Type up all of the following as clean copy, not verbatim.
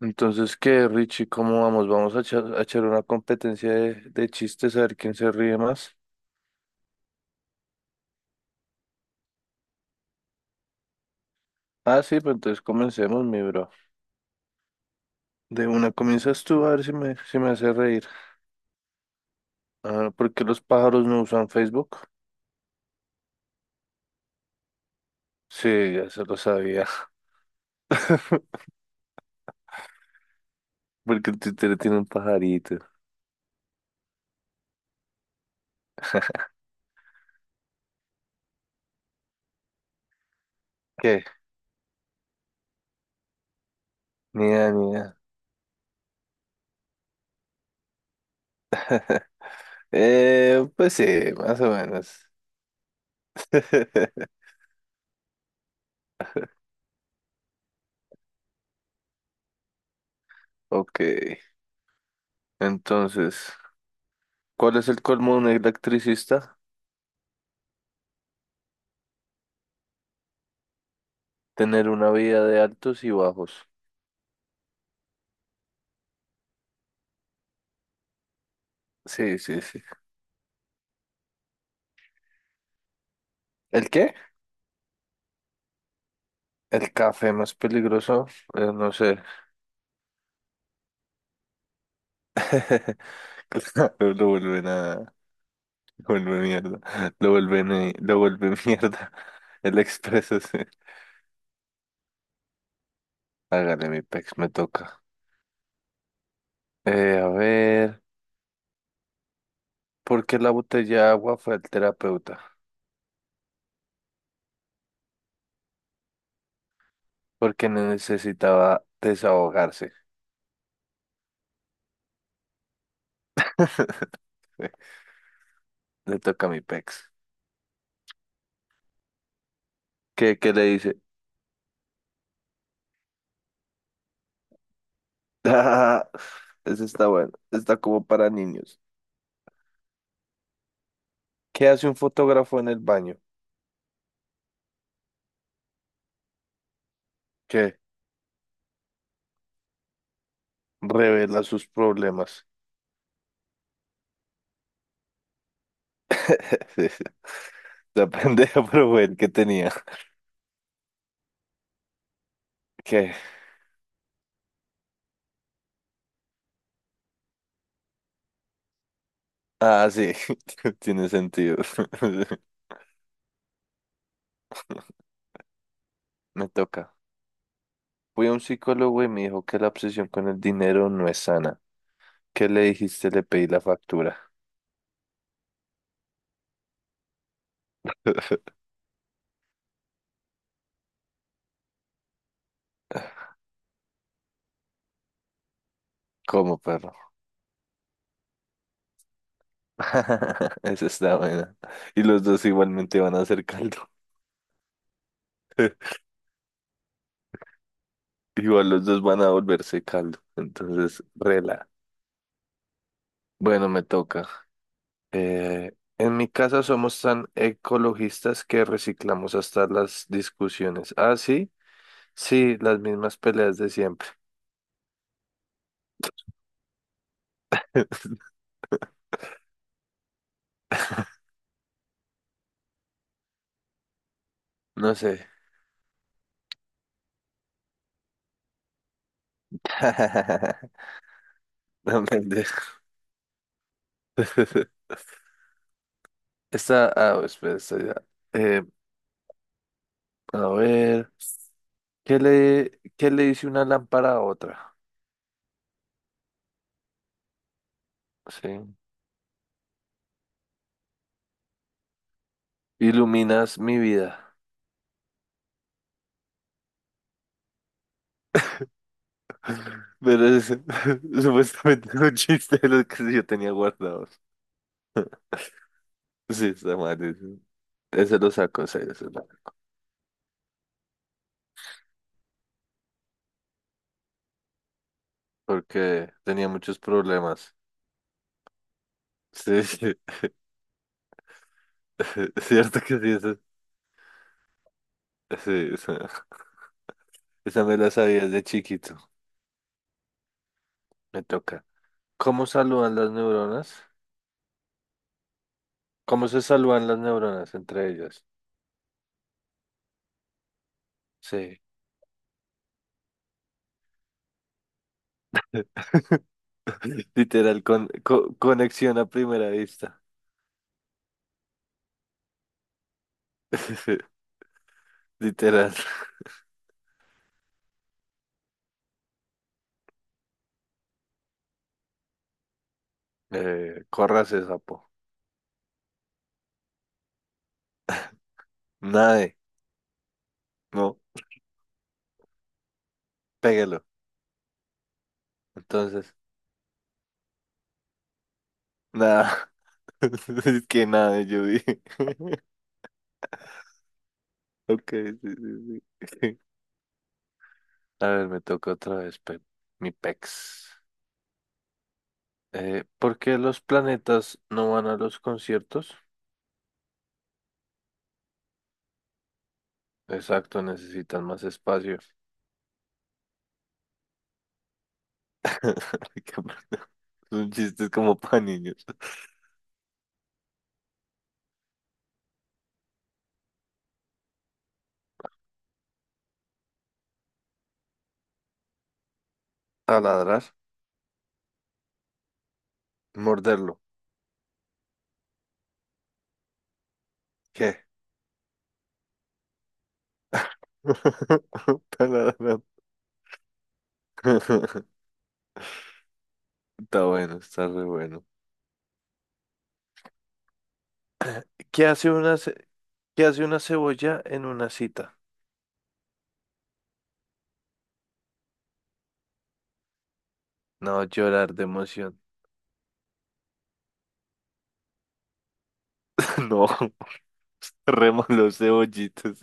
Entonces, ¿qué, Richie? ¿Cómo vamos? Vamos a echar, una competencia de chistes a ver quién se ríe más. Ah, sí, pues entonces comencemos, mi bro. De una comienzas tú a ver si me hace reír. Ah, ¿por qué los pájaros no usan Facebook? Sí, ya se lo sabía. Porque el Twitter tiene un pajarito. ¿Qué? Mira, mira. Pues sí, más o menos. Ok, entonces, ¿cuál es el colmo de un electricista? Tener una vida de altos y bajos. Sí, sí, sí. ¿El qué? El café más peligroso, no sé. Claro, lo vuelven a... Lo vuelve mierda. Lo vuelven, lo vuelve mierda. El expreso, sí. Hágale, mi pex, me toca. A ver, ¿por qué la botella de agua fue al terapeuta? Porque necesitaba desahogarse. Le toca a mi pex. ¿Qué, qué le dice? Ah, ese está bueno. Está como para niños. ¿Qué hace un fotógrafo en el baño? ¿Qué? Revela sus problemas. Sí, sí. La pendeja, pero fue el que tenía. ¿Qué? Ah, sí, tiene sentido. Me toca. Fui a un psicólogo y me dijo que la obsesión con el dinero no es sana. ¿Qué le dijiste? Le pedí la factura. ¿Cómo, perro? Esa está buena. Y los dos igualmente van a hacer caldo. Igual los dos van a volverse caldo. Entonces, rela. Bueno, me toca. Eh, en mi casa somos tan ecologistas que reciclamos hasta las discusiones. Ah, sí, sí, las mismas peleas de siempre. No sé. No me entiendes. Está, ah, espera, está ya. Eh, a ver, ¿qué le dice una lámpara a otra? Sí. Iluminas mi vida. Pero es supuestamente es un chiste de los que yo tenía guardados. Sí, está mal, ese. Ese lo saco, ese lo porque tenía muchos problemas. Sí, sí. Es cierto que sí, eso- sí, esa me la sabía de chiquito. Me toca. ¿Cómo saludan las neuronas? ¿Cómo se saludan las neuronas entre ellas? Sí. Literal, conexión a primera vista. Literal. Córrase, sapo. Nade. No, péguelo. Entonces, nada. Es que nada, yo dije. Ok, sí, sí, sí. A ver, me toca otra vez, mi pex. ¿Por qué los planetas no van a los conciertos? Exacto, necesitan más espacio. Qué bueno. Son chistes como para niños. Taladrar, morderlo. ¿Qué? Taladrar. Está bueno, está re bueno. ¿Qué hace una, ce- ¿Qué hace una cebolla en una cita? No, llorar de emoción. No, re malo cebollitas.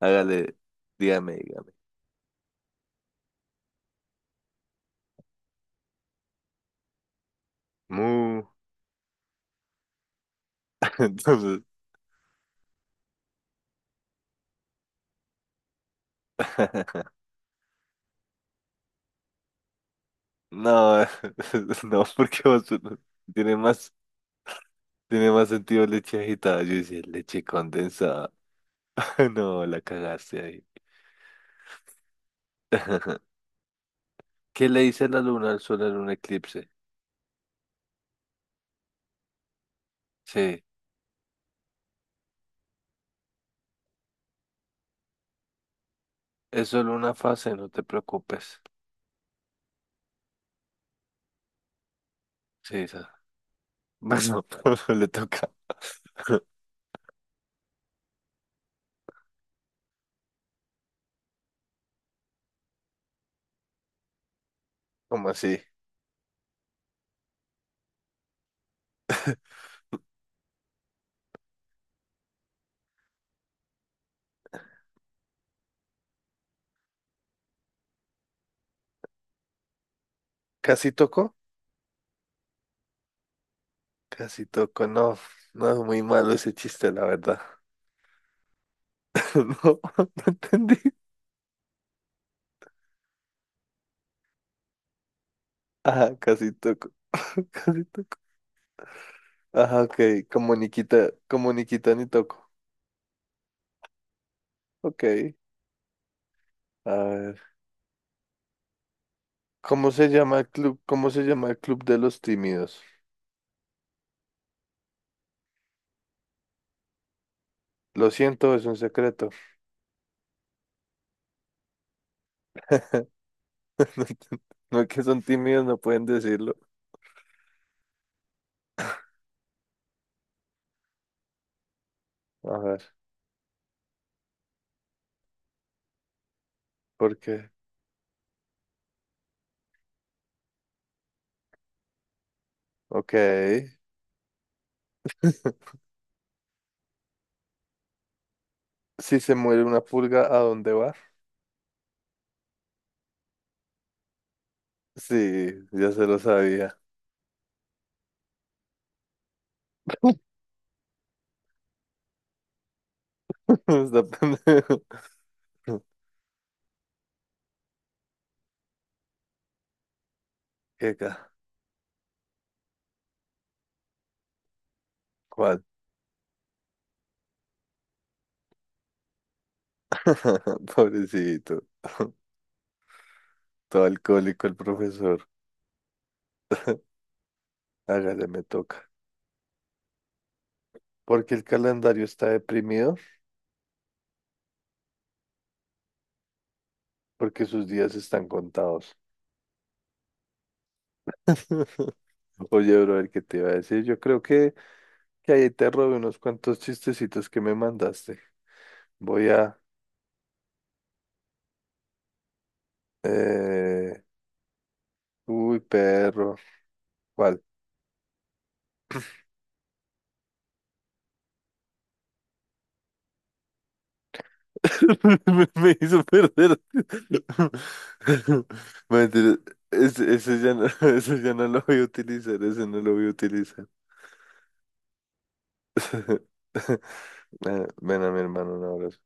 Hágale, dígame, dígame. Mu. Entonces, no, no, porque vos- tiene más, tiene más sentido leche agitada. Yo decía leche condensada. No, la cagaste ahí. ¿Qué le dice la luna al sol en un eclipse? Sí, es solo una fase, no te preocupes. Sí, esa. Bueno, le toca. ¿Cómo así? ¿Casi tocó? Casi tocó, no. No es muy malo ese chiste, la verdad. No, no entendí. Ah, casi tocó. Casi tocó. Ajá, ok, como Nikita ni toco. Ok, a ver. ¿Cómo se llama el club? ¿Cómo se llama el club de los tímidos? Lo siento, es un secreto. No es que son tímidos, no pueden decirlo. A ver, ¿por qué? Ok. Si se muere una pulga, ¿a dónde va? Sí, ya se lo sabía. Está pendejo. ¿Qué ca- ¿Cuál? Pobrecito. Todo alcohólico el profesor. Hágale, me toca. Porque el calendario está deprimido, porque sus días están contados. Oye, bro, el que te iba a decir, yo creo que ahí te robé unos cuantos chistecitos que me mandaste. Voy a... eh, Uy, perro. ¿Cuál? Me hizo perder. Mentira, ese ya no, ese ya no lo voy a utilizar, ese no lo voy a utilizar. Ven a mi hermano, un abrazo.